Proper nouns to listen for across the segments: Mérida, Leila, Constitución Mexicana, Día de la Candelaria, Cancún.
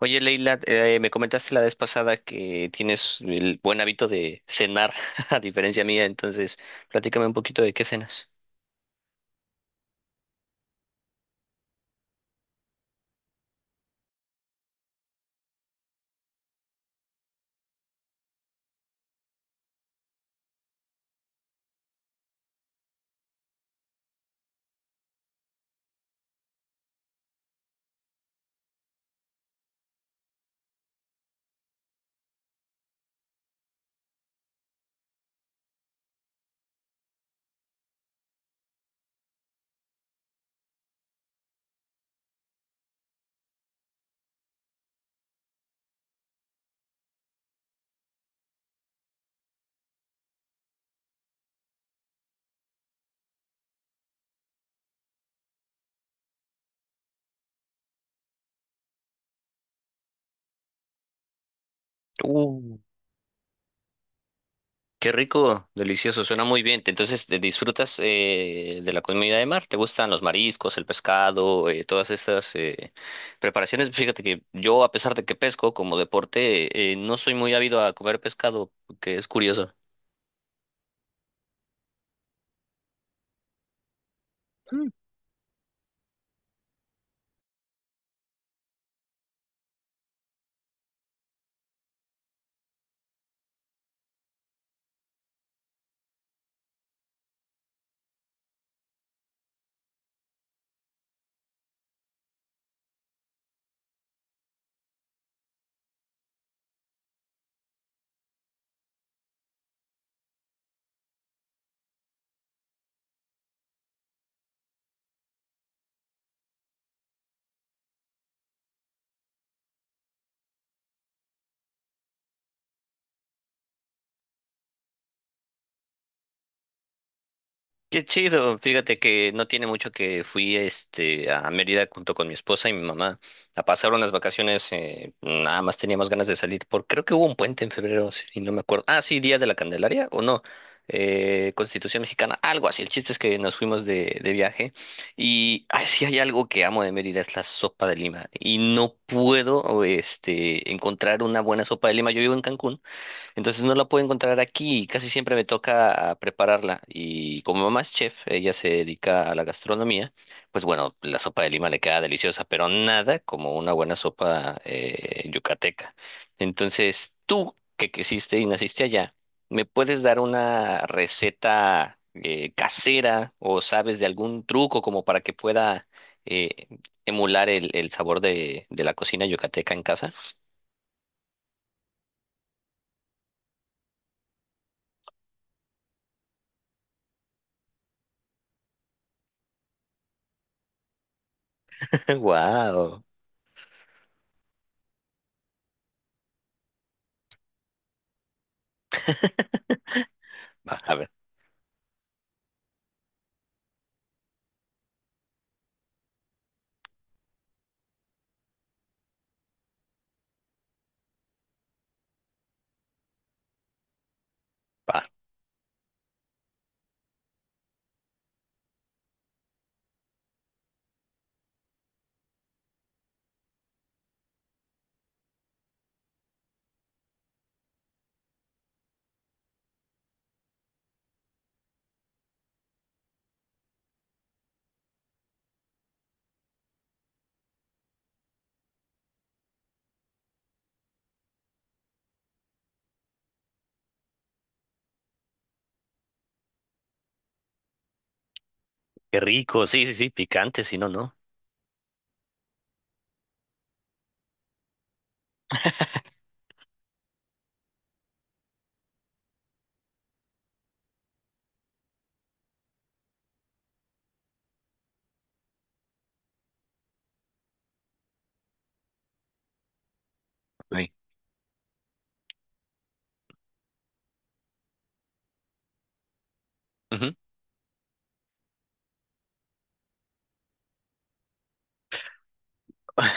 Oye, Leila, me comentaste la vez pasada que tienes el buen hábito de cenar, a diferencia mía, entonces platícame un poquito de qué cenas. Uh, Qué rico, delicioso, suena muy bien. Entonces, ¿te ¿disfrutas de la comida de mar? ¿Te gustan los mariscos, el pescado, todas estas preparaciones? Fíjate que yo, a pesar de que pesco como deporte, no soy muy ávido a comer pescado, que es curioso. Qué chido, fíjate que no tiene mucho que fui este a Mérida junto con mi esposa y mi mamá a pasar unas vacaciones, nada más teníamos ganas de salir, porque creo que hubo un puente en febrero, y no me acuerdo. Ah, sí, Día de la Candelaria o no, Constitución Mexicana, algo así. El chiste es que nos fuimos de viaje y ay, sí hay algo que amo de Mérida, es la sopa de lima. Y no puedo este encontrar una buena sopa de lima. Yo vivo en Cancún. Entonces no la puedo encontrar aquí y casi siempre me toca ah, prepararla. Y como mi mamá es chef, ella se dedica a la gastronomía, pues bueno, la sopa de lima le queda deliciosa, pero nada como una buena sopa yucateca. Entonces tú, que creciste y naciste allá, ¿me puedes dar una receta casera o sabes de algún truco como para que pueda eh, emular el sabor de la cocina yucateca en casa? ¡Wow! A ver. Va. Qué rico, sí, sí, sí, picante, si no, no. Sí. Ujú.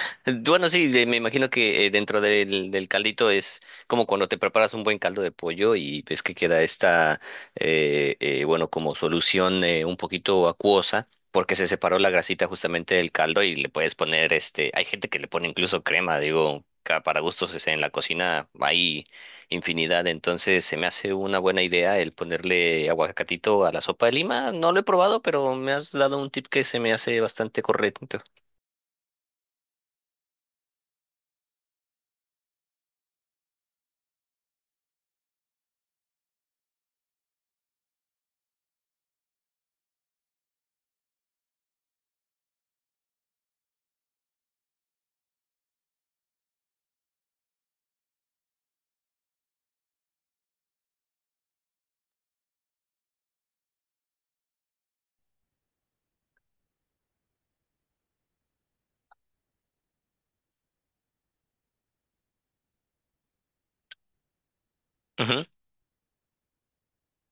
Bueno, sí, de- me imagino que dentro del, del caldito es como cuando te preparas un buen caldo de pollo y ves que queda esta, bueno, como solución un poquito acuosa, porque se separó la grasita justamente del caldo y le puedes poner, este, hay gente que le pone incluso crema, digo, ca- para gustos, o sea, en la cocina hay infinidad, entonces se me hace una buena idea el ponerle aguacatito a la sopa de lima. No lo he probado, pero me has dado un tip que se me hace bastante correcto.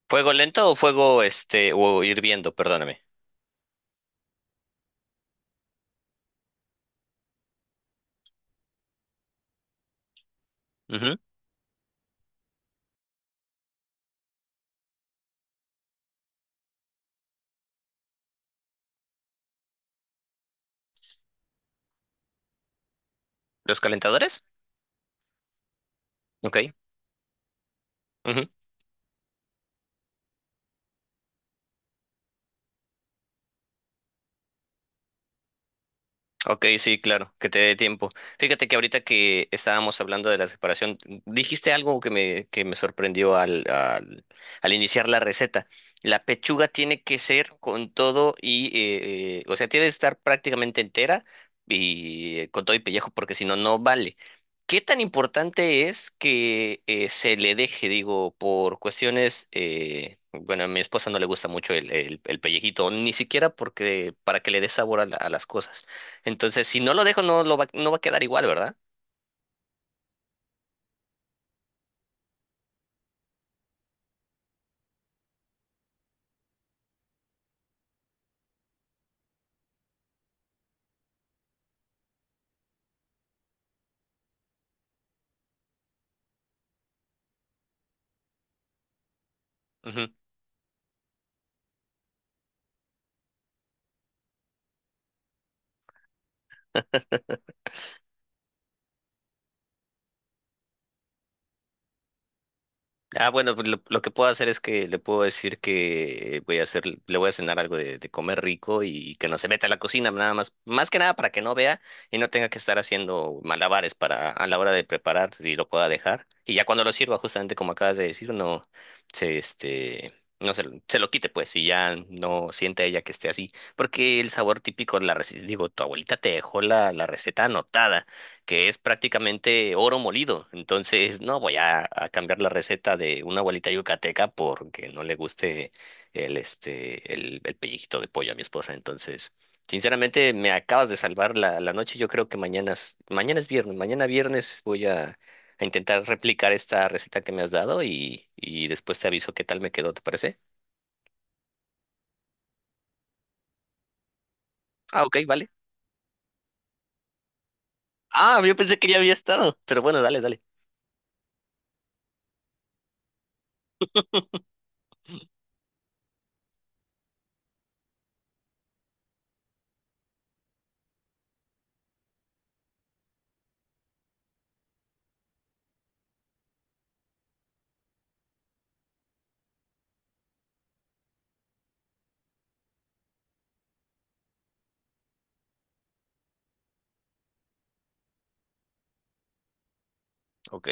¿Fuego lento o fuego este o hirviendo? Perdóname. Ujú. ¿Los calentadores? Ok. Ujú. Ok, sí, claro, que te dé tiempo. Fíjate que ahorita que estábamos hablando de la separación, dijiste algo que me sorprendió al iniciar la receta. La pechuga tiene que ser con todo y, o sea, tiene que estar prácticamente entera y con todo y pellejo, porque si no, no vale. ¿Qué tan importante es que se le deje, digo, por cuestiones, bueno, a mi esposa no le gusta mucho el pellejito, ni siquiera porque, para que le dé sabor a la- a las cosas. Entonces, si no lo dejo, no lo va, no va a quedar igual, ¿verdad? Ujú. Ah, bueno, pues lo que puedo hacer es que le puedo decir que voy a hacer, le voy a cenar algo de comer rico y que no se meta a la cocina, nada más, más que nada para que no vea y no tenga que estar haciendo malabares para a la hora de preparar y lo pueda dejar. Y ya cuando lo sirva, justamente como acabas de decir, no se este no se, lo- se lo quite pues y ya no sienta ella que esté así, porque el sabor típico la reci- digo, tu abuelita te dejó la receta anotada, que es prácticamente oro molido. Entonces, no voy a cambiar la receta de una abuelita yucateca porque no le guste el, este, el pellizquito de pollo a mi esposa. Entonces, sinceramente, me acabas de salvar la noche. Yo creo que mañana es viernes. Mañana viernes voy a intentar replicar esta receta que me has dado y después te aviso qué tal me quedó, ¿te parece? Ah, ok, vale. Ah, yo pensé que ya había estado, pero bueno, dale, dale. Ok.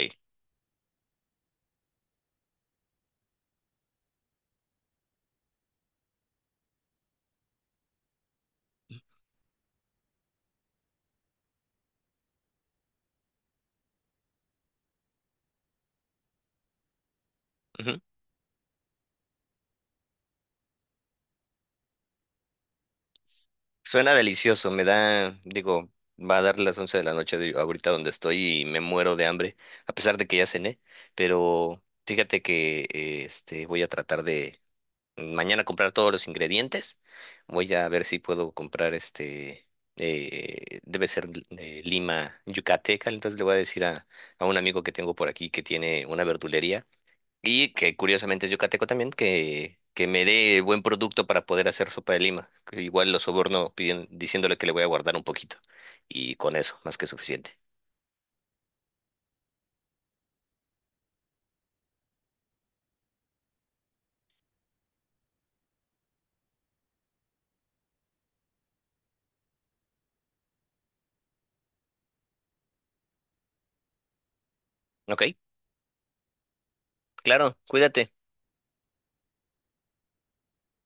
Ujú. Suena delicioso, me da, digo, va a dar las 11 de la noche de- ahorita donde estoy y me muero de hambre, a pesar de que ya cené, pero fíjate que este voy a tratar de mañana comprar todos los ingredientes. Voy a ver si puedo comprar este debe ser lima yucateca, entonces le voy a decir a un amigo que tengo por aquí que tiene una verdulería y que curiosamente es yucateco también, que me dé buen producto para poder hacer sopa de lima. Que igual lo soborno pidien- diciéndole que le voy a guardar un poquito. Y con eso, más que suficiente. Ok, claro, cuídate.